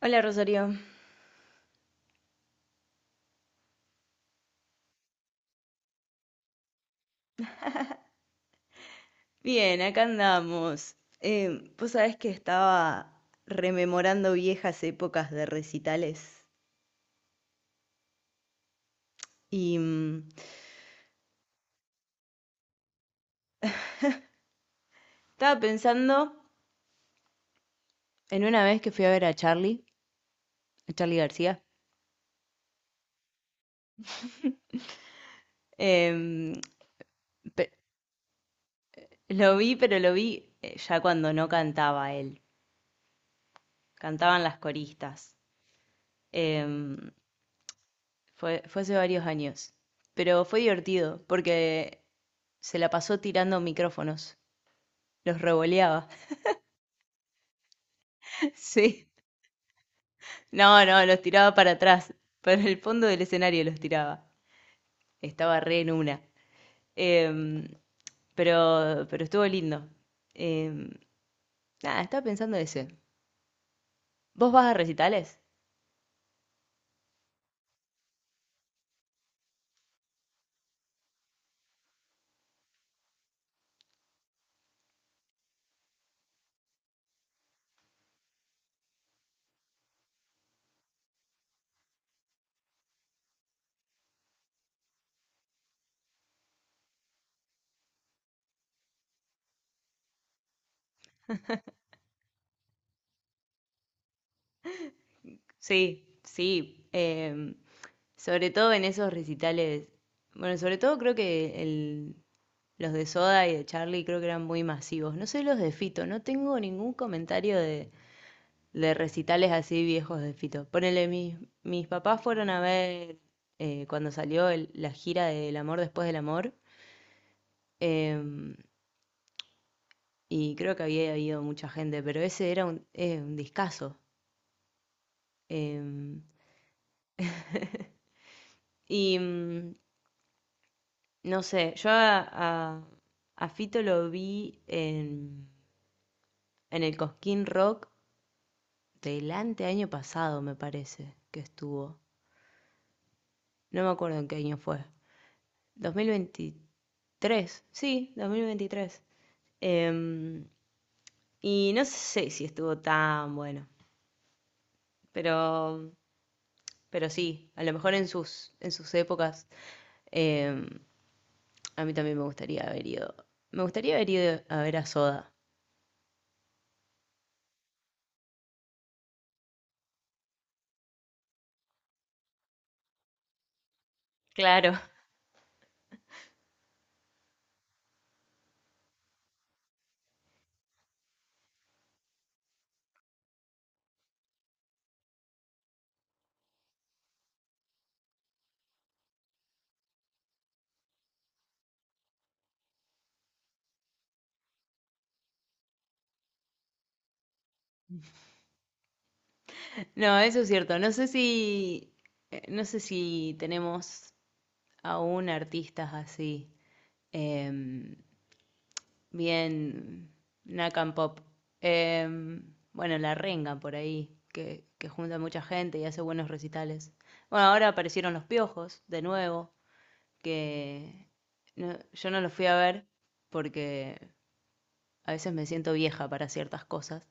Hola, Rosario. Bien, acá andamos. Vos sabés que estaba rememorando viejas épocas de recitales y estaba pensando en una vez que fui a ver a Charlie García. Em, pe- lo vi, pero lo vi ya cuando no cantaba él, cantaban las coristas. Em, fue hace varios años, pero fue divertido porque se la pasó tirando micrófonos, los revoleaba. Sí. No, no, los tiraba para atrás, para el fondo del escenario los tiraba. Estaba re en una. Em, pero estuvo lindo. Em, nada, estaba pensando ese. ¿Vos vas a recitales? Sí, sí. Sobre todo en esos recitales. Bueno, sobre todo creo que los de Soda y de Charlie creo que eran muy masivos. No sé los de Fito, no tengo ningún comentario de recitales así viejos de Fito. Ponele, mis papás fueron a ver cuando salió la gira del amor después del amor. em, y creo que había habido mucha gente, pero ese era un discazo. Em, y mm, no sé, a- a Fito lo vi en el Cosquín Rock del año pasado, me parece que estuvo. No me acuerdo en qué año fue. 2023, sí, 2023. Em, y no sé si estuvo tan bueno, pero, pero sí, a lo mejor en sus épocas, em, a mí también me gustaría haber ido. Me gustaría haber ido a ver a Soda. Claro. No, eso es cierto. No sé si tenemos aún artistas así. em, Bien, Nakan Pop. Bueno, La Renga por ahí, que junta mucha gente y hace buenos recitales. Bueno, ahora aparecieron Los Piojos, de nuevo, que yo no los fui a ver porque a veces me siento vieja para ciertas cosas.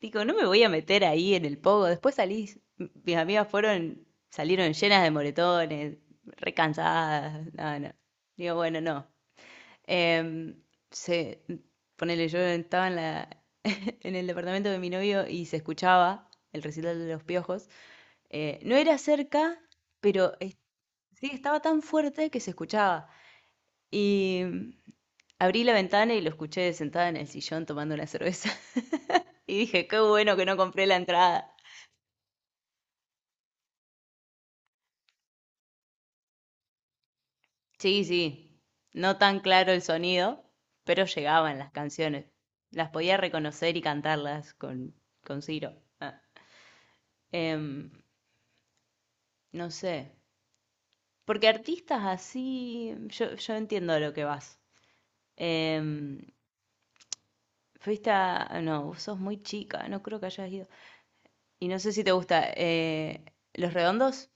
Digo, no me voy a meter ahí en el pogo. Después salí, mis amigas fueron, salieron llenas de moretones, recansadas. No, no. Digo, bueno, no. Em, se, ponele, yo estaba en la, en el departamento de mi novio y se escuchaba el recital de los piojos. No era cerca, pero sí estaba tan fuerte que se escuchaba. Y mm, abrí la ventana y lo escuché sentada en el sillón tomando una cerveza. Y dije, qué bueno que no compré la entrada. Sí, sí, no tan claro el sonido, pero llegaban las canciones. Las podía reconocer y cantarlas con Ciro. Ah. Em, no sé. Porque artistas así, yo entiendo a lo que vas. Em, fuiste a... No, vos sos muy chica, no creo que hayas ido. Y no sé si te gusta. ¿Los redondos?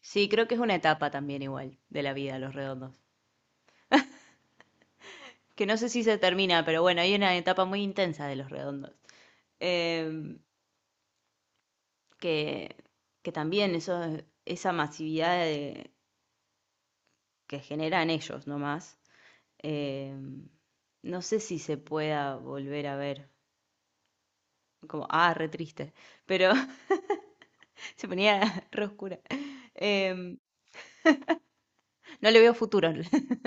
Sí, creo que es una etapa también igual de la vida, los redondos. Que no sé si se termina, pero bueno, hay una etapa muy intensa de los redondos. Em, que, que también eso, esa masividad que generan ellos nomás eh, no sé si se pueda volver a ver. Como, ah, re triste. Pero se ponía re oscura. Em, no le veo futuro.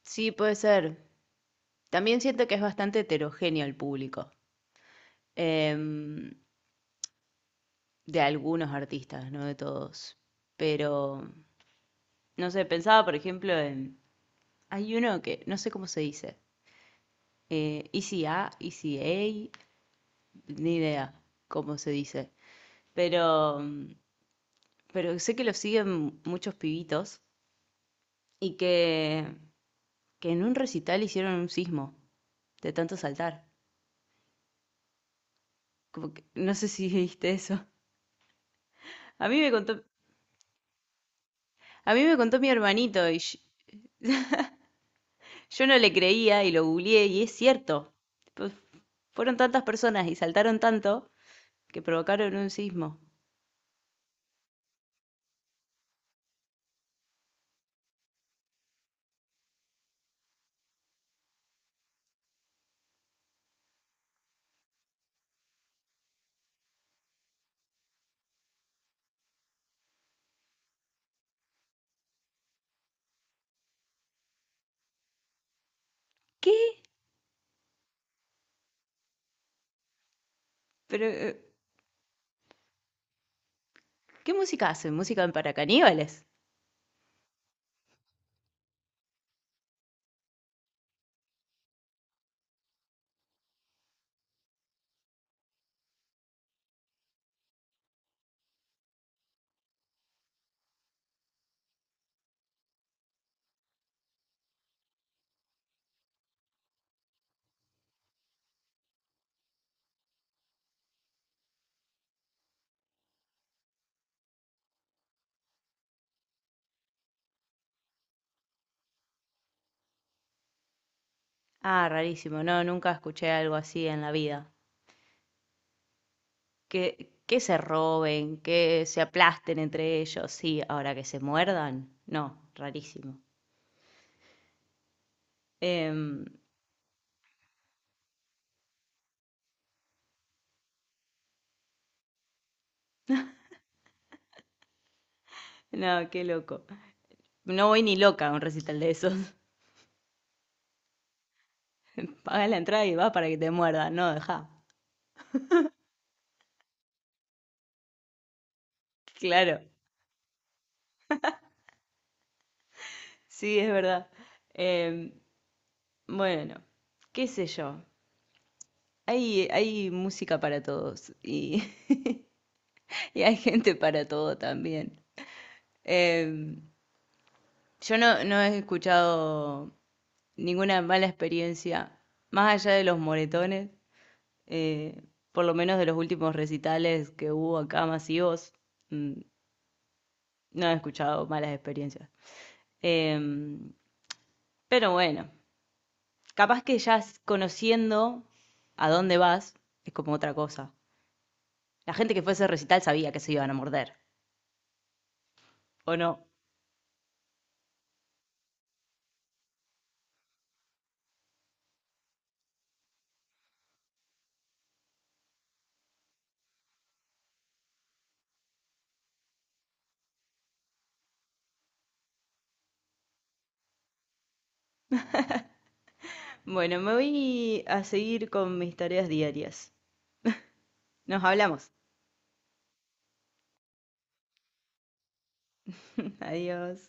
Sí, puede ser. También siento que es bastante heterogéneo el público, em, de algunos artistas, no de todos. Pero, no sé, pensaba, por ejemplo, en... Hay uno que, no sé cómo se dice. Easy A, Easy A, ni idea cómo se dice. Pero pero sé que lo siguen muchos pibitos y que en un recital hicieron un sismo de tanto saltar. Como no sé si viste eso. A mí me contó, a mí me contó mi hermanito y yo no le creía y lo googleé y es cierto. Pues, fueron tantas personas y saltaron tanto que provocaron un sismo. ¿Qué? Pero, ¿qué música hacen? ¿Música para caníbales? Ah, rarísimo. No, nunca escuché algo así en la vida. Que se roben, que se aplasten entre ellos, sí, ahora que se muerdan, no, rarísimo. Em, no, qué loco. No voy ni loca a un recital de esos. Paga la entrada y va para que te muerdan, no, deja. Claro, sí, es verdad. Em, bueno, qué sé yo. Hay música para todos y, y hay gente para todo también. Em, yo no, no he escuchado ninguna mala experiencia, más allá de los moretones, eh, por lo menos de los últimos recitales que hubo acá masivos, mm, no he escuchado malas experiencias. Em, pero bueno, capaz que ya conociendo a dónde vas, es como otra cosa. La gente que fue a ese recital sabía que se iban a morder, ¿o no? Bueno, me voy a seguir con mis tareas diarias. Nos hablamos. Adiós.